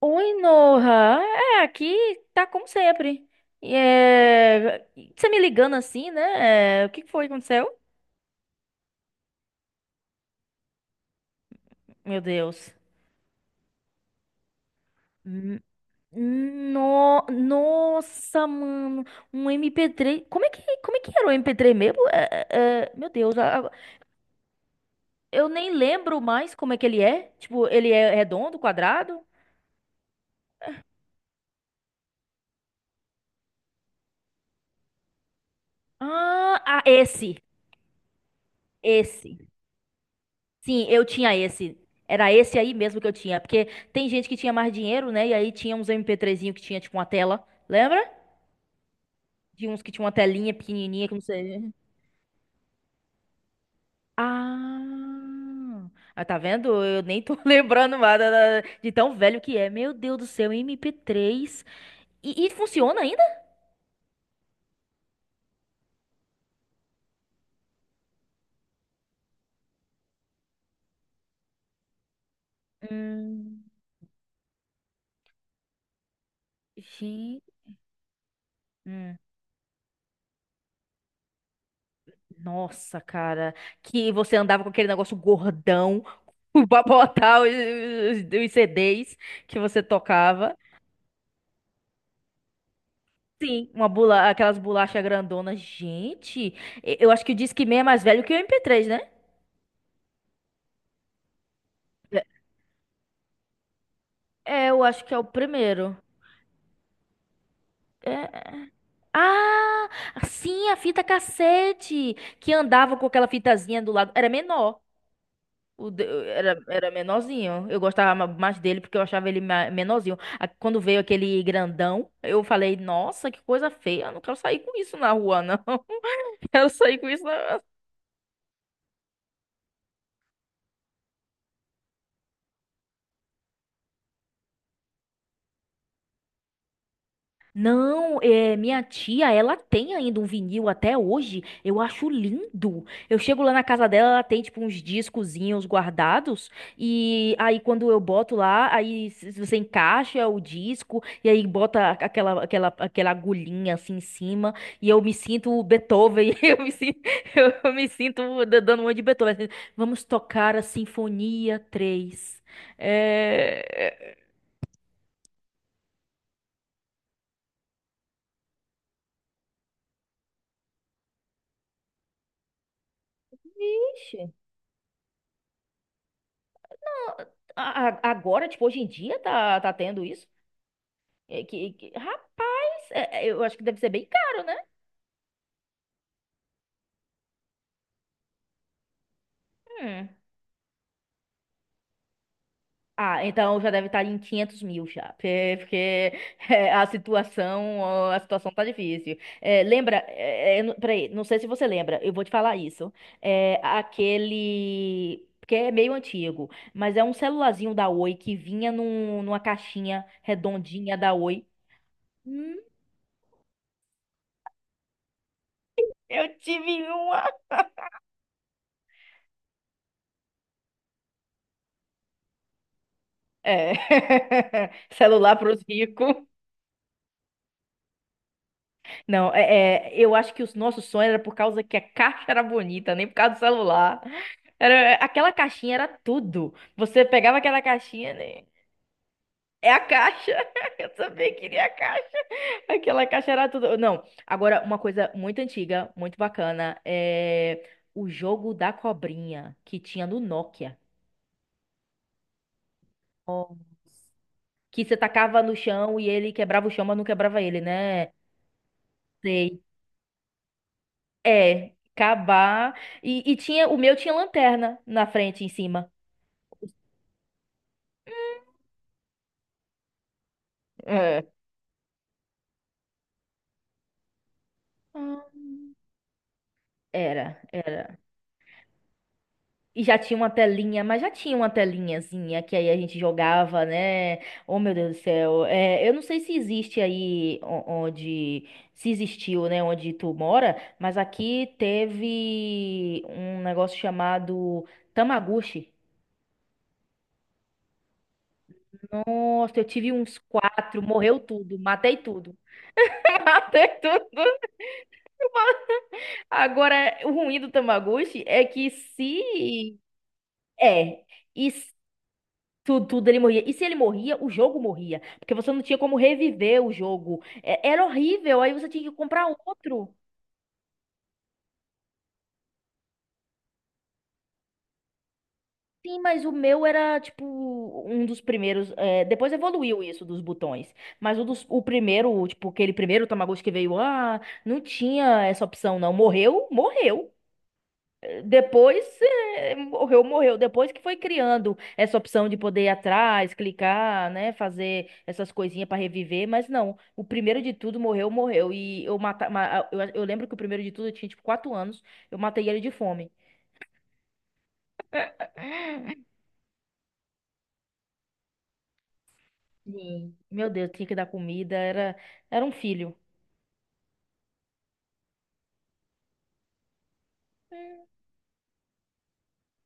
Oi, Noha. Aqui tá como sempre. E É... Você me ligando assim, né? O que que foi que aconteceu? Meu Deus. Hum, No... Nossa, mano. Um MP3. Como é que era o MP3 mesmo? Meu Deus. Eu nem lembro mais como é que ele é. Tipo, ele é redondo, quadrado? Ah, ah, esse. Esse. Sim, eu tinha esse. Era esse aí mesmo que eu tinha. Porque tem gente que tinha mais dinheiro, né? E aí tinha uns MP3zinho que tinha, tipo, uma tela. Lembra? De uns que tinha uma telinha pequenininha que não sei. Ah! Ah, tá vendo? Eu nem tô lembrando mais de tão velho que é. Meu Deus do céu, MP3. E funciona ainda? Hum, Gente. Hum, Nossa, cara. Que você andava com aquele negócio gordão pra botar os CDs que você tocava. Sim, aquelas bolachas grandonas. Gente, eu acho que o Disque Man é mais velho que o MP3, né? É, é, eu acho que é o primeiro. É- Ah, sim, a fita cassete, que andava com aquela fitazinha do lado. Era menor. O de- era menorzinho. Eu gostava mais dele porque eu achava ele menorzinho. Quando veio aquele grandão, eu falei, nossa, que coisa feia. Eu não quero sair com isso na rua, não. Quero sair com isso, não. Não, minha tia, ela tem ainda um vinil até hoje. Eu acho lindo. Eu chego lá na casa dela, ela tem tipo uns discozinhos guardados. E aí quando eu boto lá, aí se você encaixa o disco e aí bota aquela agulhinha assim em cima e eu me sinto o Beethoven. Eu me sinto, eu me sinto dando uma de Beethoven, assim. Vamos tocar a Sinfonia três. É... Agora, tipo, hoje em dia tá tendo isso? É rapaz, eu acho que deve ser bem caro, né? Hum. Ah, então já deve estar em 500 mil já, porque, é, a situação, ó, a situação tá difícil. Lembra, peraí, não sei se você lembra, eu vou te falar isso. É, aquele, que é meio antigo, mas é um celularzinho da Oi que vinha numa caixinha redondinha da Oi. Hum, eu tive um. É. Celular para os ricos. Não, eu acho que os nossos sonhos era por causa que a caixa era bonita, nem por causa do celular. Era, aquela caixinha era tudo. Você pegava aquela caixinha, né? É a caixa. Eu também queria a caixa. Aquela caixa era tudo. Não, agora uma coisa muito antiga, muito bacana, é o jogo da cobrinha que tinha no Nokia. Ó. Que você tacava no chão e ele quebrava o chão, mas não quebrava ele, né? Sei. É, acabar. E tinha, o meu tinha lanterna na frente, em cima. É. Ah. Era, era. E já tinha uma telinha, mas já tinha uma telinhazinha que aí a gente jogava, né? Oh, meu Deus do céu. Eu não sei se existe aí onde. Se existiu, né? Onde tu mora, mas aqui teve um negócio chamado Tamaguchi. Nossa, eu tive uns quatro, morreu tudo, matei tudo. Matei tudo. Agora, o ruim do Tamagotchi é que se. É. E se- tudo, tudo ele morria. E se ele morria, o jogo morria. Porque você não tinha como reviver o jogo. Era horrível. Aí você tinha que comprar outro. Sim, mas o meu era, tipo, um dos primeiros. Depois evoluiu isso dos botões. Mas o primeiro, tipo, aquele primeiro Tamagotchi que veio, não tinha essa opção, não. Morreu? Morreu. Depois, morreu, morreu. Depois que foi criando essa opção de poder ir atrás, clicar, né, fazer essas coisinhas para reviver, mas não. O primeiro de tudo morreu, morreu. E eu eu lembro que o primeiro de tudo eu tinha tipo 4 anos, eu matei ele de fome. Sim. Meu Deus, tinha que dar comida, era, era um filho. Hum.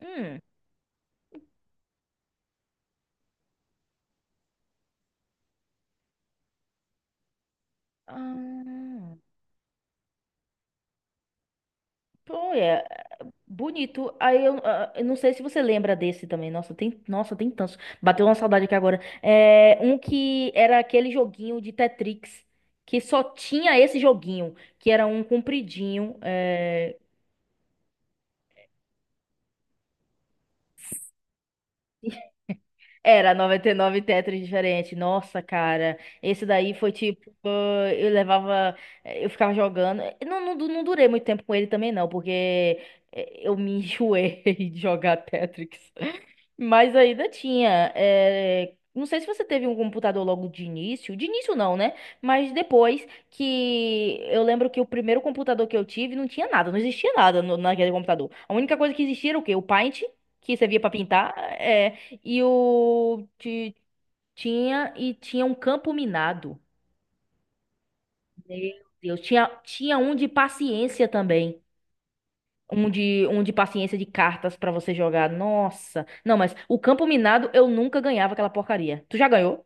Hum. Ah, pô, é. Bonito. Aí eu não sei se você lembra desse também. Nossa, tem tantos. Bateu uma saudade aqui agora. Um que era aquele joguinho de Tetrix, que só tinha esse joguinho, que era um compridinho. Era 99 Tetris diferente. Nossa, cara. Esse daí foi tipo. Eu levava. Eu ficava jogando. Eu Não, não, não durei muito tempo com ele também, não, porque eu me enjoei de jogar Tetris. Mas ainda tinha. Não sei se você teve um computador logo de início. De início não, né? Mas depois que eu lembro que o primeiro computador que eu tive não tinha nada, não existia nada naquele computador. A única coisa que existia era o quê? O Paint, que servia pra pintar, E o ti- tinha e tinha um campo minado. Meu Deus, tinha um de paciência também. Um de paciência de cartas pra você jogar. Nossa. Não, mas o campo minado eu nunca ganhava aquela porcaria. Tu já ganhou?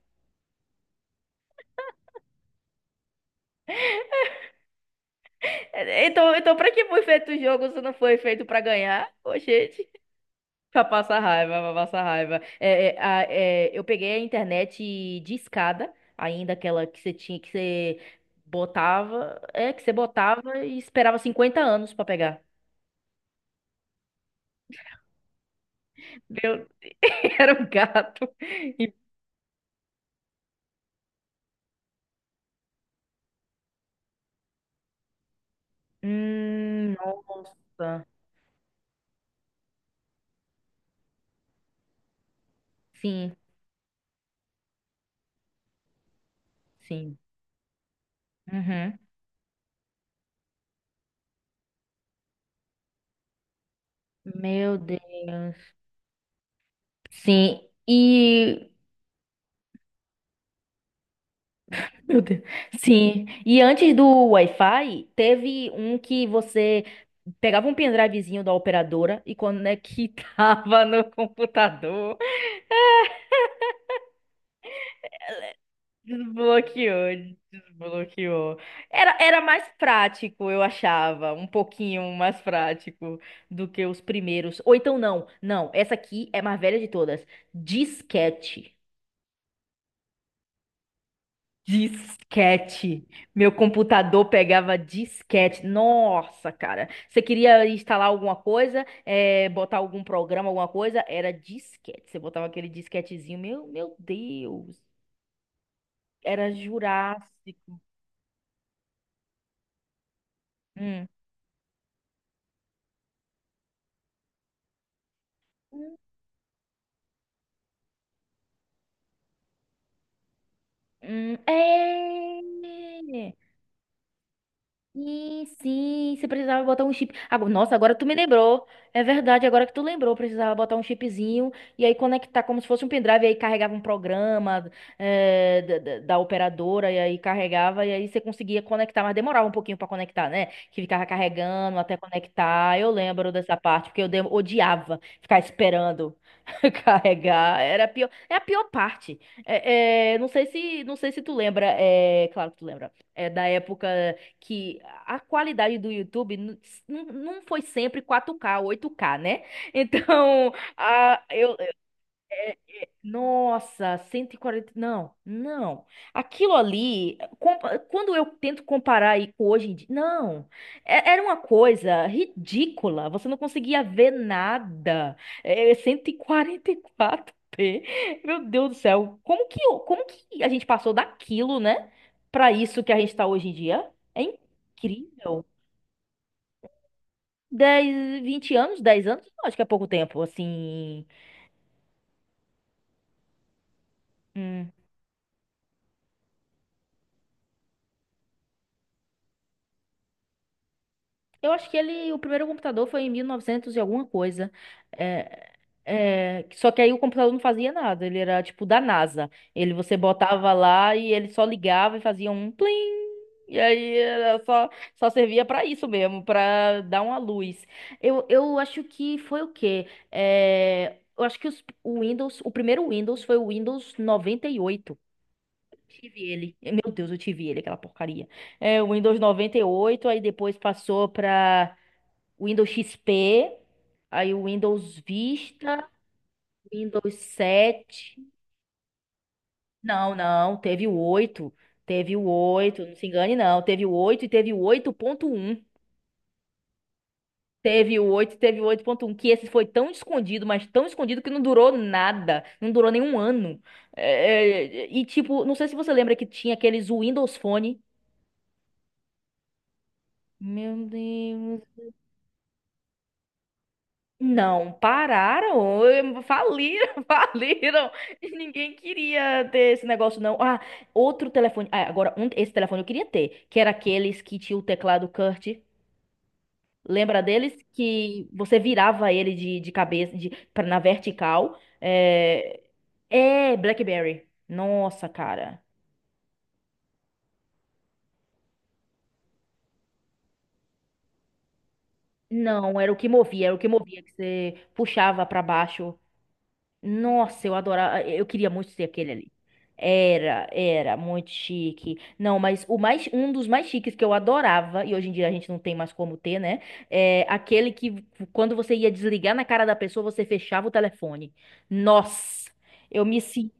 Então pra que foi feito o jogo se não foi feito pra ganhar? Ô, gente. Pra passar raiva, pra passar raiva. É, é, eu peguei a internet de escada, ainda aquela que você tinha que você botava. Que você botava e esperava 50 anos pra pegar. Meu, era um gato. E- Nossa. Sim, sim. Uhum. Meu Deus. Sim. E. Meu Deus. Sim. E antes do Wi-Fi, teve um que você pegava um pendrivezinho da operadora e conectava no computador. Desbloqueou, desbloqueou. Era mais prático, eu achava. Um pouquinho mais prático do que os primeiros. Ou então, não. Não, essa aqui é a mais velha de todas. Disquete. Disquete. Meu computador pegava disquete. Nossa, cara. Você queria instalar alguma coisa, botar algum programa, alguma coisa? Era disquete. Você botava aquele disquetezinho. Meu Deus. Era Jurássico. Hum. Hum, hum. é. Sim, sim, você precisava botar um chip. Agora, nossa, agora tu me lembrou. É verdade, agora que tu lembrou, precisava botar um chipzinho e aí conectar como se fosse um pendrive, e aí carregava um programa da operadora, e aí carregava, e aí você conseguia conectar, mas demorava um pouquinho pra conectar, né? Que ficava carregando até conectar. Eu lembro dessa parte, porque eu odiava ficar esperando carregar. Era a pior, é a pior parte. É, é, não sei se tu lembra, claro que tu lembra. É da época que a qualidade do YouTube não foi sempre 4K, 8K, né? Então, nossa, 140, não, não. Aquilo ali, quando eu tento comparar aí com hoje em dia, não, era uma coisa ridícula, você não conseguia ver nada. É 144p. Meu Deus do céu, como que a gente passou daquilo, né, pra isso que a gente tá hoje em dia? É incrível. 10, 20 anos, 10 anos, não acho que é pouco tempo, assim. Hum. Eu acho que ele, o primeiro computador foi em 1900 e novecentos e alguma coisa. É, é, só que aí o computador não fazia nada, ele era tipo da NASA. Ele você botava lá e ele só ligava e fazia um plim. E aí era só servia pra isso mesmo, pra dar uma luz. Eu acho que foi o quê? Eu acho que o primeiro Windows foi o Windows 98. Tive ele. Meu Deus, eu tive ele, aquela porcaria. O Windows 98 aí depois passou pra Windows XP, aí o Windows Vista, Windows 7. Não, não, teve o 8. Teve o oito, não se engane, não. Teve o 8 e teve o 8.1. Teve o oito e teve o oito ponto um que esse foi tão escondido, mas tão escondido que não durou nada. Não durou nenhum ano. É, é, e tipo, não sei se você lembra que tinha aqueles Windows Phone. Meu Deus. Não, pararam, faliram, faliram, e ninguém queria ter esse negócio, não. Ah, outro telefone, esse telefone eu queria ter, que era aqueles que tinha o teclado Kurt, lembra deles? Que você virava ele de cabeça, na vertical, é, BlackBerry, nossa, cara, não, era o que movia, que você puxava pra baixo. Nossa, eu adorava. Eu queria muito ser aquele ali. Era muito chique. Não, mas um dos mais chiques que eu adorava, e hoje em dia a gente não tem mais como ter, né? É aquele que quando você ia desligar na cara da pessoa, você fechava o telefone. Nossa, eu me senti.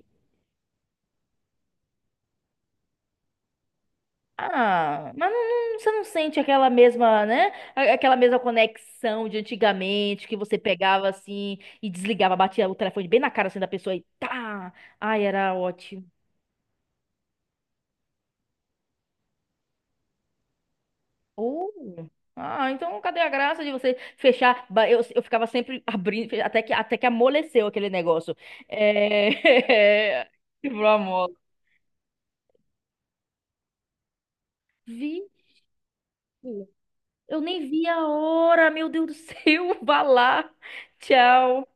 Ah, mas não, você não sente aquela mesma, né? Aquela mesma conexão de antigamente, que você pegava assim e desligava, batia o telefone bem na cara assim da pessoa e tá. Ai, era ótimo. Oh. Ah, então cadê a graça de você fechar? Eu ficava sempre abrindo, até que amoleceu aquele negócio. É... Quebrou a mola. Vi. Eu nem vi a hora, meu Deus do céu. Vá lá. Tchau.